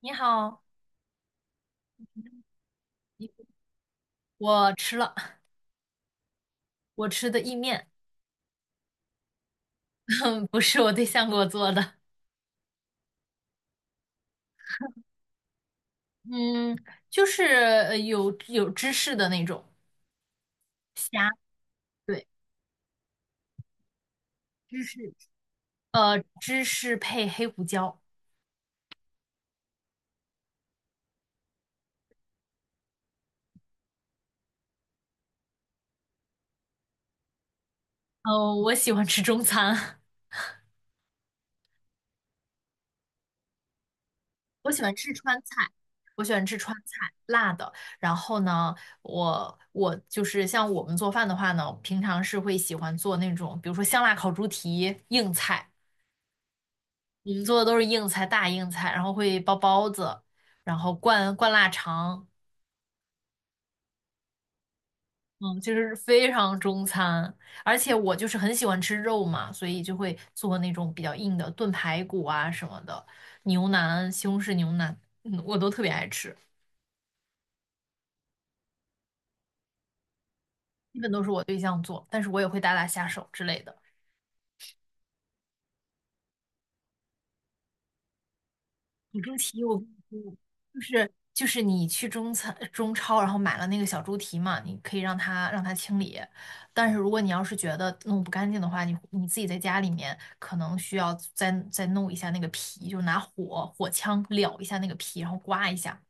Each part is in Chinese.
你好，你我吃了，我吃的意面，不是我对象给我做的。嗯，就是有芝士的那种虾，对，芝士，芝士配黑胡椒。我喜欢吃中餐。我喜欢吃川菜，我喜欢吃川菜，辣的。然后呢，我就是像我们做饭的话呢，平常是会喜欢做那种，比如说香辣烤猪蹄，硬菜。我们做的都是硬菜，大硬菜，然后会包包子，然后灌灌腊肠。嗯，就是非常中餐。而且我就是很喜欢吃肉嘛，所以就会做那种比较硬的炖排骨啊什么的，牛腩、西红柿牛腩，嗯，我都特别爱吃。基本都是我对象做，但是我也会打打下手之类的。小猪蹄我跟你说，就是你去中餐中超，然后买了那个小猪蹄嘛，你可以让它清理。但是如果你要是觉得弄不干净的话，你自己在家里面可能需要再弄一下那个皮，就拿火枪燎一下那个皮，然后刮一下。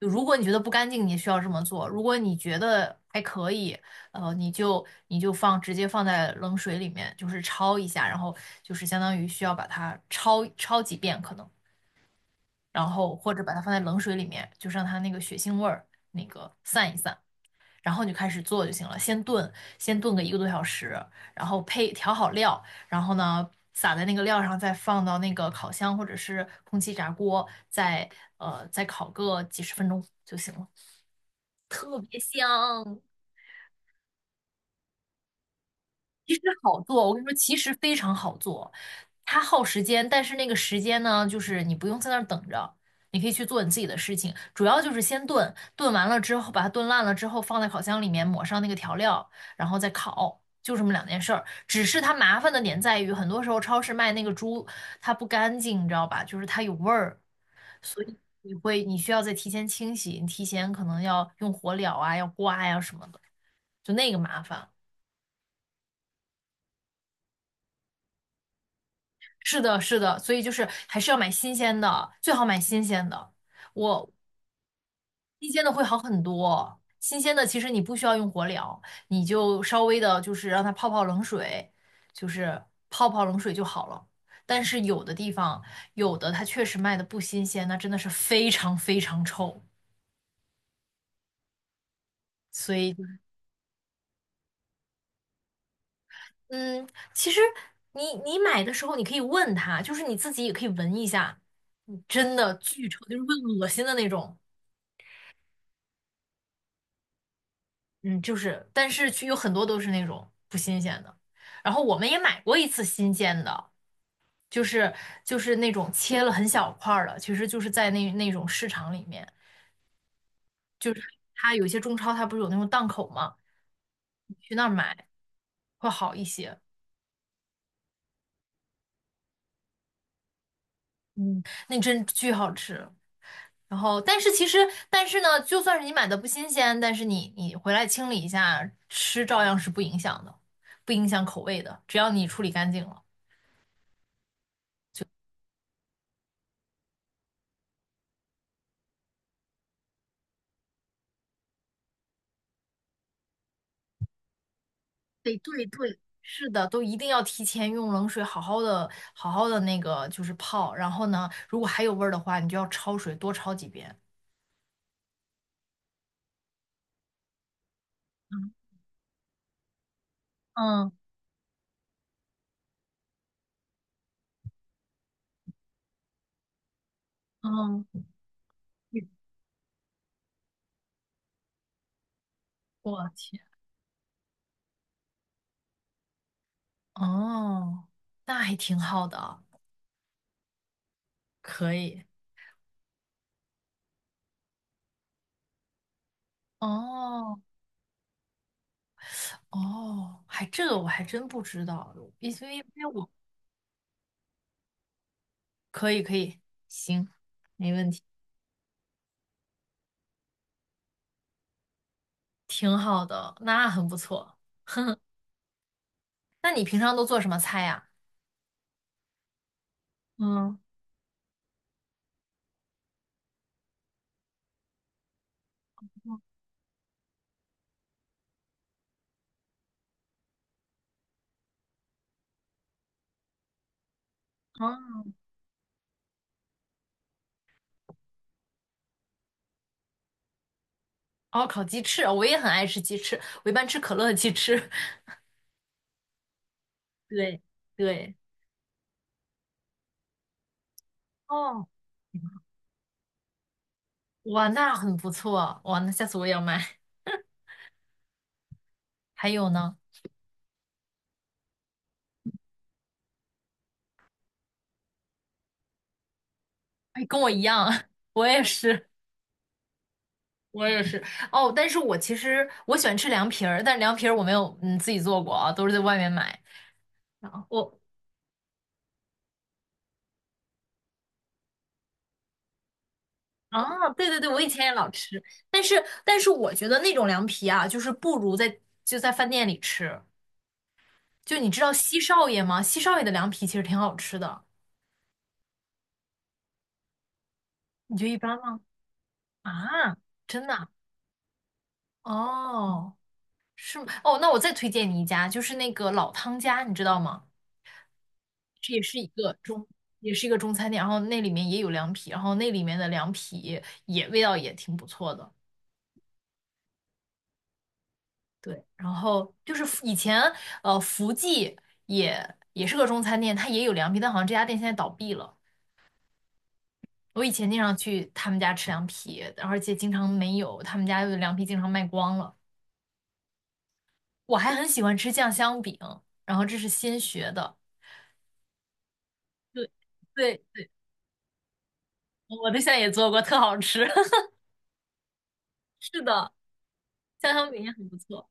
就如果你觉得不干净，你需要这么做；如果你觉得还可以，你就直接放在冷水里面，就是焯一下，然后就是相当于需要把它焯焯几遍可能。然后或者把它放在冷水里面，就让它那个血腥味儿那个散一散，然后你就开始做就行了。先炖个一个多小时，然后配调好料，然后呢撒在那个料上，再放到那个烤箱或者是空气炸锅，再烤个几十分钟就行了，特别香。其实好做，我跟你说，其实非常好做，它耗时间，但是那个时间呢，就是你不用在那儿等着，你可以去做你自己的事情。主要就是先炖，炖完了之后，把它炖烂了之后，放在烤箱里面抹上那个调料，然后再烤，就这么两件事儿。只是它麻烦的点在于，很多时候超市卖那个猪，它不干净，你知道吧？就是它有味儿，所以你需要再提前清洗，你提前可能要用火燎啊，要刮呀、什么的，就那个麻烦。是的，是的，所以就是还是要买新鲜的，最好买新鲜的。我新鲜的会好很多，新鲜的其实你不需要用火燎，你就稍微的就是让它泡泡冷水，就是泡泡冷水就好了。但是有的地方，有的它确实卖的不新鲜，那真的是非常非常臭。所以就是嗯，其实你买的时候，你可以问他，就是你自己也可以闻一下。真的巨臭，就是会恶心的那种。嗯，就是，但是去有很多都是那种不新鲜的。然后我们也买过一次新鲜的，就是就是那种切了很小块儿的，其实就是在那种市场里面，就是它有一些中超它不是有那种档口吗？你去那儿买会好一些。嗯，那真巨好吃。然后，但是其实，但是呢，就算是你买的不新鲜，但是你回来清理一下，吃照样是不影响的，不影响口味的，只要你处理干净了。得对对，是的，都一定要提前用冷水好好的、好好的那个就是泡，然后呢，如果还有味儿的话，你就要焯水，多焯几遍。嗯嗯嗯，我天，哦，那还挺好的，可以。哦哦，还这个我还真不知道，因为我可以可以，行，没问题，挺好的，那很不错。哼那你平常都做什么菜呀？嗯，哦，哦，烤鸡翅，哦我也很爱吃鸡翅，我一般吃可乐的鸡翅。对对，哦，哇，那很不错，哇，那下次我也要买。还有呢？哎，跟我一样，我也是，我也是。哦，但是我其实我喜欢吃凉皮儿，但是凉皮儿我没有嗯自己做过啊，都是在外面买。然后我啊，对对对，我以前也老吃，但是但是我觉得那种凉皮啊，就是不如就在饭店里吃。就你知道西少爷吗？西少爷的凉皮其实挺好吃的，你觉得一般吗？啊，真的啊，哦，是吗？哦，那我再推荐你一家，就是那个老汤家，你知道吗？这也是一个中，也是一个中餐店，然后那里面也有凉皮，然后那里面的凉皮也味道也挺不错的。对，然后就是以前福记也是个中餐店，它也有凉皮，但好像这家店现在倒闭了。我以前经常去他们家吃凉皮，而且经常没有，他们家的凉皮经常卖光了。我还很喜欢吃酱香饼，然后这是新学的。对对对，我对象也做过，特好吃。是的，家乡饼也很不错。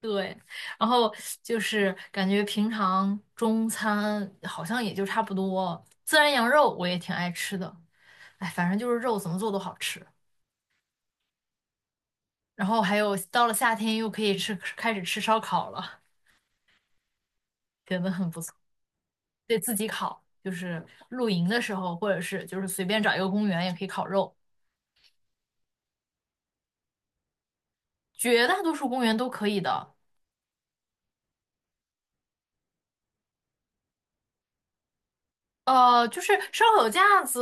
对，然后就是感觉平常中餐好像也就差不多。孜然羊肉我也挺爱吃的，哎，反正就是肉怎么做都好吃。然后还有到了夏天又可以吃，开始吃烧烤了，觉得很不错。对自己烤，就是露营的时候，或者是就是随便找一个公园也可以烤肉，绝大多数公园都可以的。就是烧烤架子，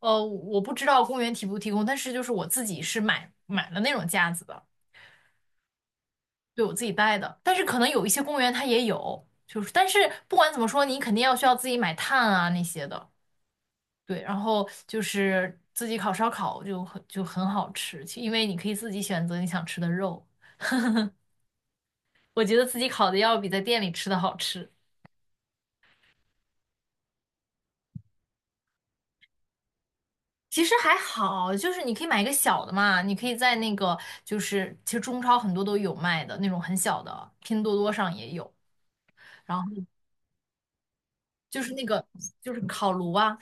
我不知道公园提不提供，但是就是我自己是买了那种架子的，对我自己带的。但是可能有一些公园它也有，就是但是不管怎么说，你肯定要需要自己买炭啊那些的，对。然后就是自己烤烧烤就很好吃，因为你可以自己选择你想吃的肉。我觉得自己烤的要比在店里吃的好吃。其实还好，就是你可以买一个小的嘛，你可以在那个就是其实中超很多都有卖的那种很小的，拼多多上也有。然后就是那个就是烤炉啊，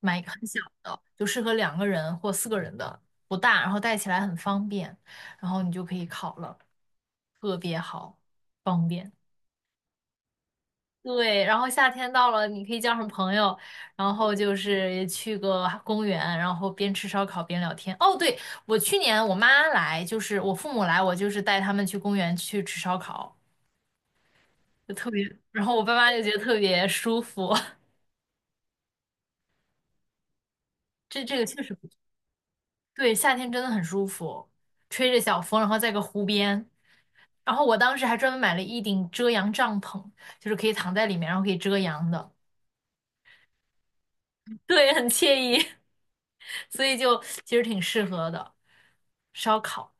买一个很小的，就适合两个人或四个人的，不大，然后带起来很方便，然后你就可以烤了，特别好，方便。对，然后夏天到了，你可以叫上朋友，然后就是去个公园，然后边吃烧烤边聊天。哦，对，我去年我妈来，就是我父母来，我就是带他们去公园去吃烧烤，就特别，然后我爸妈就觉得特别舒服。这个确实不错，对，夏天真的很舒服，吹着小风，然后在个湖边，然后我当时还专门买了一顶遮阳帐篷，就是可以躺在里面，然后可以遮阳的，对，很惬意。所以就其实挺适合的，烧烤。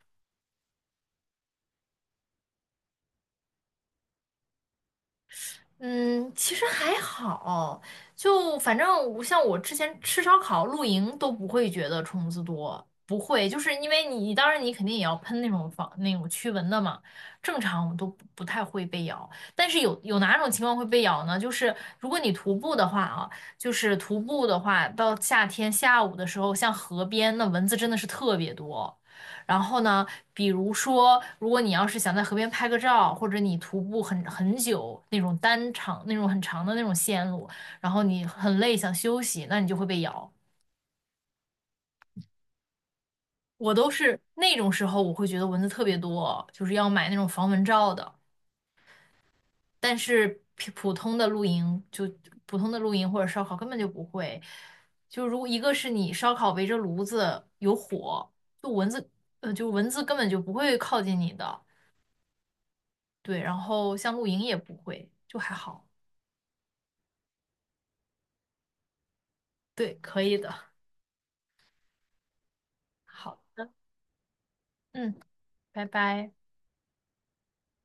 嗯，其实还好，就反正我像我之前吃烧烤、露营都不会觉得虫子多，不会，就是因为你当然你肯定也要喷那种防那种驱蚊的嘛，正常我们都不太会被咬，但是有哪种情况会被咬呢？就是如果你徒步的话啊，就是徒步的话，到夏天下午的时候，像河边那蚊子真的是特别多。然后呢，比如说，如果你要是想在河边拍个照，或者你徒步很久那种那种很长的那种线路，然后你很累想休息，那你就会被咬。我都是那种时候，我会觉得蚊子特别多，就是要买那种防蚊罩的。但是普通的露营，就普通的露营或者烧烤根本就不会。就如果一个是你烧烤围着炉子有火，就蚊子，就蚊子根本就不会靠近你的。对，然后像露营也不会，就还好。对，可以的。好的，嗯，拜拜。